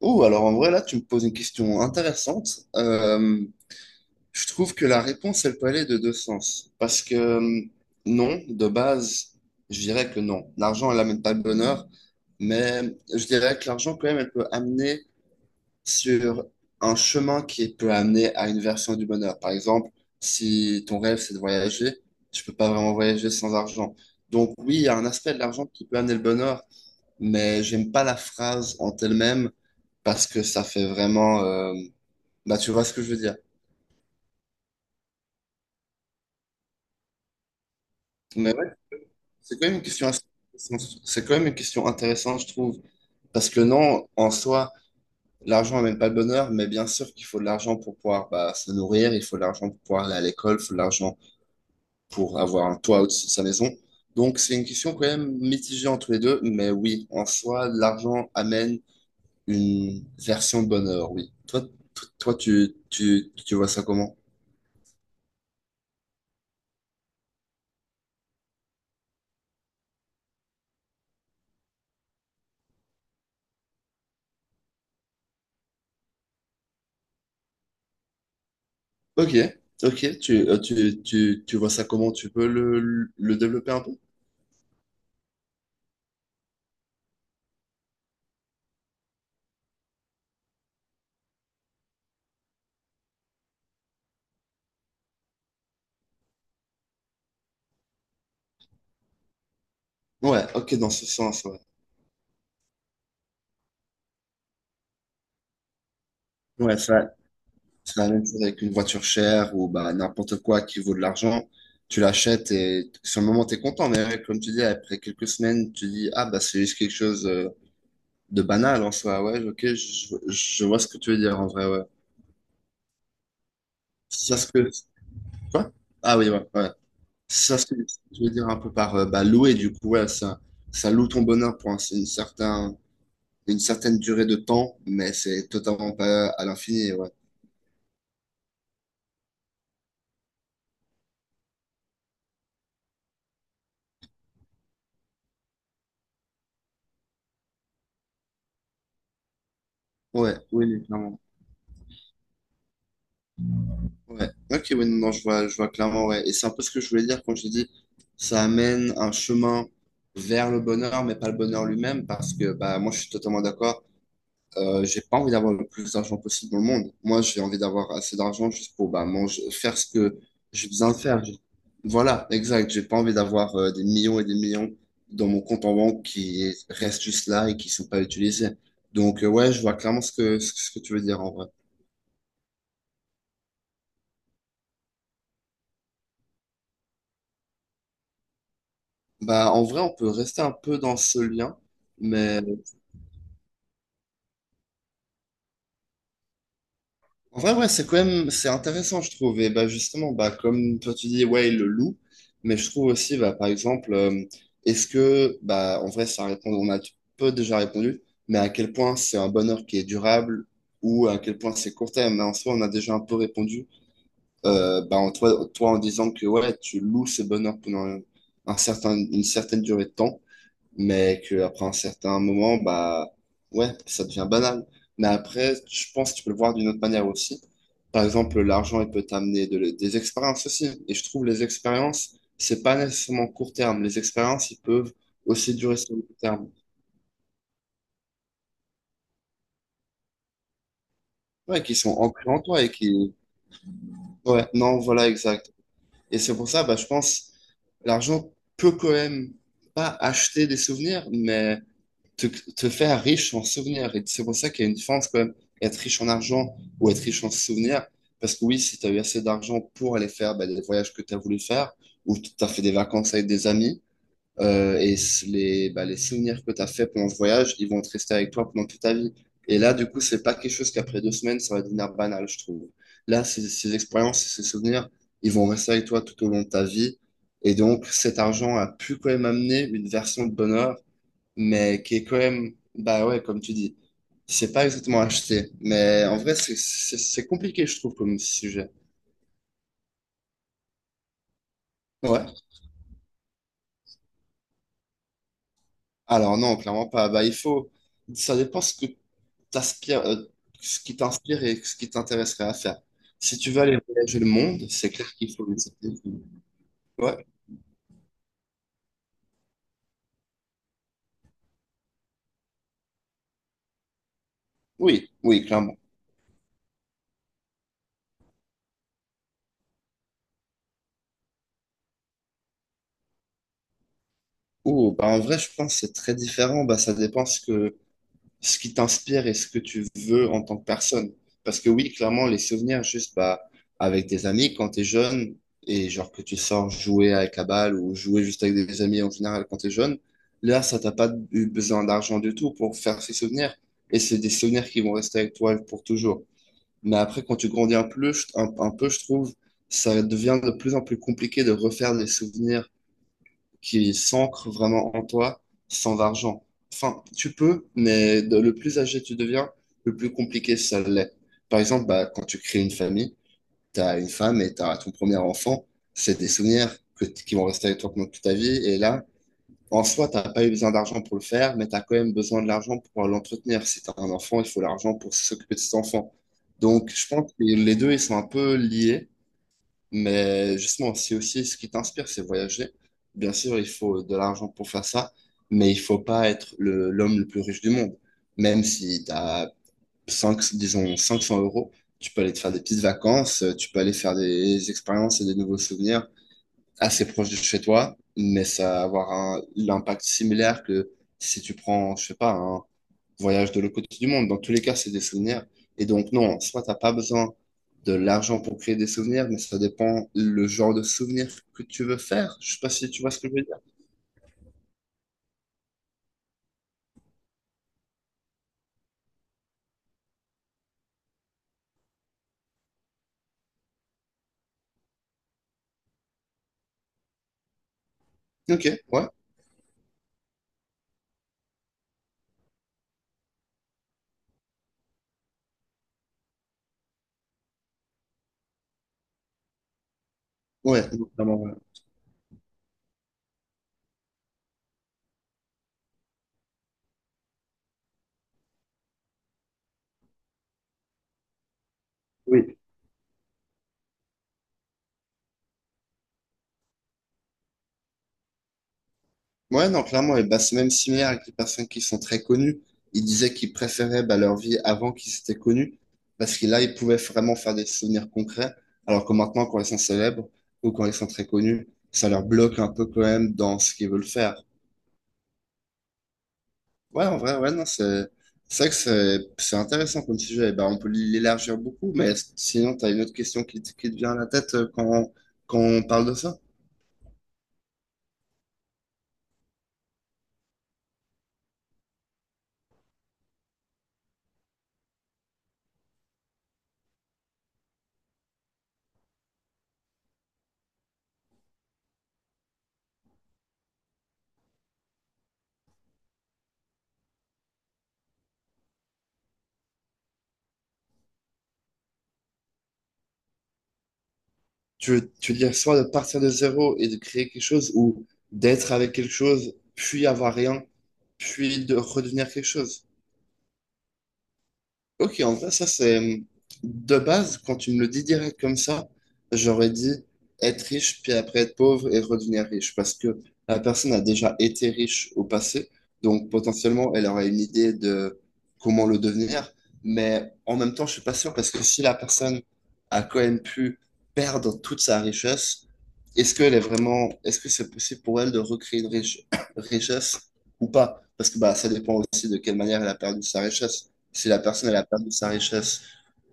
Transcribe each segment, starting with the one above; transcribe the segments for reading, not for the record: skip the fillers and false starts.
Oh, alors en vrai, là, tu me poses une question intéressante. Je trouve que la réponse, elle peut aller de deux sens. Parce que non, de base, je dirais que non. L'argent, elle n'amène pas le bonheur, mais je dirais que l'argent, quand même, elle peut amener sur un chemin qui peut amener à une version du bonheur. Par exemple, si ton rêve, c'est de voyager, tu peux pas vraiment voyager sans argent. Donc oui, il y a un aspect de l'argent qui peut amener le bonheur, mais j'aime pas la phrase en elle-même parce que ça fait vraiment... bah, tu vois ce que je veux dire. Mais ouais, c'est quand même une question assez intéressante. C'est quand même une question intéressante, je trouve. Parce que non, en soi, l'argent n'amène pas le bonheur, mais bien sûr qu'il faut de l'argent pour pouvoir bah, se nourrir, il faut de l'argent pour pouvoir aller à l'école, il faut de l'argent pour avoir un toit au-dessus de sa maison. Donc c'est une question quand même mitigée entre les deux, mais oui, en soi, l'argent amène une version de bonheur, oui. Toi, toi tu vois ça comment? Ok, ok, tu vois ça comment tu peux le développer un peu? Ouais, ok, dans ce sens, ouais. Ouais, c'est la même chose avec une voiture chère ou bah, n'importe quoi qui vaut de l'argent. Tu l'achètes et sur le moment, tu es content. Mais ouais, comme tu dis, après quelques semaines, tu dis, ah, bah, c'est juste quelque chose de banal en soi. Ouais, ok, je vois ce que tu veux dire en vrai, ouais. C'est ça ce que. Quoi? Ah oui, ouais, ouais. C'est ça ce que tu veux dire un peu par bah, louer, du coup, ouais, ça loue ton bonheur pour un, c'est une certaine durée de temps, mais c'est totalement pas à l'infini, ouais. Ouais, oui, oui, clairement. Ouais. Ok, oui, non, je vois clairement, ouais. Et c'est un peu ce que je voulais dire quand j'ai dit, ça amène un chemin vers le bonheur, mais pas le bonheur lui-même, parce que bah moi je suis totalement d'accord. J'ai pas envie d'avoir le plus d'argent possible dans le monde. Moi, j'ai envie d'avoir assez d'argent juste pour bah, manger, faire ce que j'ai besoin de faire. Voilà, exact. J'ai pas envie d'avoir des millions et des millions dans mon compte en banque qui restent juste là et qui sont pas utilisés. Donc, ouais, je vois clairement ce que tu veux dire en vrai. Bah, en vrai, on peut rester un peu dans ce lien, mais en vrai, ouais, c'est quand même, c'est intéressant, je trouve. Et bah, justement, bah, comme toi, tu dis, ouais, le loup, mais je trouve aussi, bah, par exemple, est-ce que, bah, en vrai, ça répond, on a peu déjà répondu, mais à quel point c'est un bonheur qui est durable ou à quel point c'est court terme. Mais en soi, on a déjà un peu répondu, bah, en toi, toi, en disant que, ouais, tu loues ce bonheur pendant un certain, une certaine durée de temps mais qu'après un certain moment, bah ouais, ça devient banal. Mais après, je pense que tu peux le voir d'une autre manière aussi. Par exemple, l'argent, il peut t'amener des expériences aussi. Et je trouve les expériences, c'est pas nécessairement court terme. Les expériences, ils peuvent aussi durer sur le long terme. Ouais, qui sont ancrés en toi et qui... Ouais, non, voilà, exact. Et c'est pour ça, bah, je pense, l'argent peut quand même pas acheter des souvenirs, mais te faire riche en souvenirs. Et c'est pour ça qu'il y a une différence quand même, être riche en argent ou être riche en souvenirs. Parce que oui, si tu as eu assez d'argent pour aller faire bah, les voyages que tu as voulu faire, ou tu as fait des vacances avec des amis, et les, bah, les souvenirs que tu as fait pendant ce voyage, ils vont te rester avec toi pendant toute ta vie. Et là, du coup, c'est pas quelque chose qu'après deux semaines, ça va devenir banal, je trouve. Là, ces expériences, ces souvenirs, ils vont rester avec toi tout au long de ta vie. Et donc, cet argent a pu quand même amener une version de bonheur mais qui est quand même, bah ouais, comme tu dis, c'est pas exactement acheté. Mais en vrai, c'est compliqué, je trouve, comme sujet. Ouais. Alors non, clairement pas. Bah, il faut, ça dépend ce que t'aspires, ce qui t'inspire et ce qui t'intéresserait à faire. Si tu veux aller voyager le monde, c'est clair qu'il faut une certaine. Ouais. Oui, oui, clairement. Ouh, bah en vrai, je pense que c'est très différent. Bah, ça dépend ce que ce qui t'inspire et ce que tu veux en tant que personne. Parce que oui, clairement, les souvenirs, juste bah, avec tes amis quand t'es jeune, et genre que tu sors jouer avec la balle ou jouer juste avec des amis en général quand t'es jeune, là, ça t'a pas eu besoin d'argent du tout pour faire ces souvenirs. Et c'est des souvenirs qui vont rester avec toi pour toujours. Mais après, quand tu grandis un peu, un peu, je trouve, ça devient de plus en plus compliqué de refaire des souvenirs qui s'ancre vraiment en toi sans argent. Enfin, tu peux, mais le plus âgé tu deviens, le plus compliqué ça l'est. Par exemple, bah, quand tu crées une famille, tu as une femme et tu as ton premier enfant, c'est des souvenirs qui vont rester avec toi pendant toute ta vie. Et là, en soi, tu n'as pas eu besoin d'argent pour le faire, mais tu as quand même besoin de l'argent pour pouvoir l'entretenir. Si tu as un enfant, il faut l'argent pour s'occuper de cet enfant. Donc, je pense que les deux, ils sont un peu liés. Mais justement, si aussi ce qui t'inspire, c'est voyager, bien sûr, il faut de l'argent pour faire ça, mais il faut pas être l'homme le plus riche du monde. Même si tu as 5, disons 500 euros, tu peux aller te faire des petites vacances, tu peux aller faire des expériences et des nouveaux souvenirs assez proches de chez toi, mais ça va avoir un, l'impact similaire que si tu prends, je sais pas, voyage de l'autre côté du monde. Dans tous les cas, c'est des souvenirs. Et donc, non, soit t'as pas besoin de l'argent pour créer des souvenirs, mais ça dépend le genre de souvenirs que tu veux faire. Je sais pas si tu vois ce que je veux dire. Ok, ouais, ouais, non, clairement, ouais. Oui. Ouais, non, clairement, et bah, c'est même similaire avec les personnes qui sont très connues. Ils disaient qu'ils préféraient bah, leur vie avant qu'ils étaient connus, parce que là, ils pouvaient vraiment faire des souvenirs concrets, alors que maintenant, quand ils sont célèbres ou quand ils sont très connus, ça leur bloque un peu quand même dans ce qu'ils veulent faire. Ouais, en vrai, ouais, non, c'est vrai que c'est intéressant comme sujet. Et ben, on peut l'élargir beaucoup, mais sinon, tu as une autre question qui, qui te vient à la tête quand on parle de ça. Tu veux dire soit de partir de zéro et de créer quelque chose, ou d'être avec quelque chose, puis avoir rien, puis de redevenir quelque chose. Ok, en vrai, ça c'est de base, quand tu me le dis direct comme ça, j'aurais dit être riche, puis après être pauvre et redevenir riche, parce que la personne a déjà été riche au passé, donc potentiellement elle aurait une idée de comment le devenir, mais en même temps, je suis pas sûr, parce que si la personne a quand même pu perdre toute sa richesse, est-ce qu'elle est vraiment, est-ce que c'est possible pour elle de recréer une richesse ou pas? Parce que bah, ça dépend aussi de quelle manière elle a perdu sa richesse. Si la personne elle a perdu sa richesse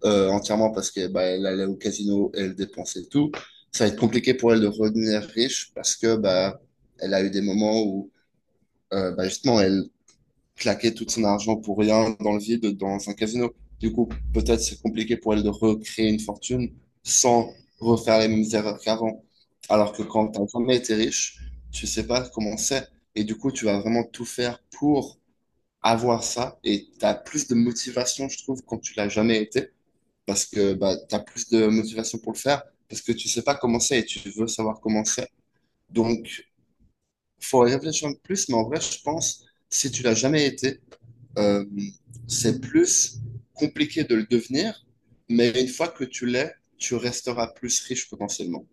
entièrement parce que bah, elle allait au casino, elle dépensait tout, ça va être compliqué pour elle de redevenir riche parce que bah, elle a eu des moments où bah, justement elle claquait tout son argent pour rien dans le vide dans un casino. Du coup, peut-être c'est compliqué pour elle de recréer une fortune sans refaire les mêmes erreurs qu'avant. Alors que quand t'as jamais été riche, tu sais pas comment c'est. Et du coup, tu vas vraiment tout faire pour avoir ça et tu as plus de motivation, je trouve, quand tu l'as jamais été, parce que bah, tu as plus de motivation pour le faire, parce que tu sais pas comment c'est et tu veux savoir comment c'est. Donc, faut y réfléchir un peu plus, mais en vrai, je pense, si tu l'as jamais été, euh, c'est plus compliqué de le devenir, mais une fois que tu l'es, tu resteras plus riche potentiellement.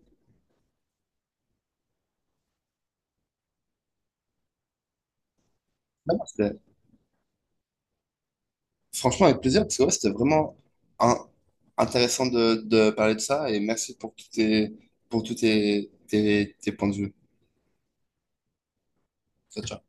Franchement, avec plaisir, parce que ouais, c'était vraiment un intéressant de parler de ça et merci pour tous tes, tes points de vue. Ciao, ciao.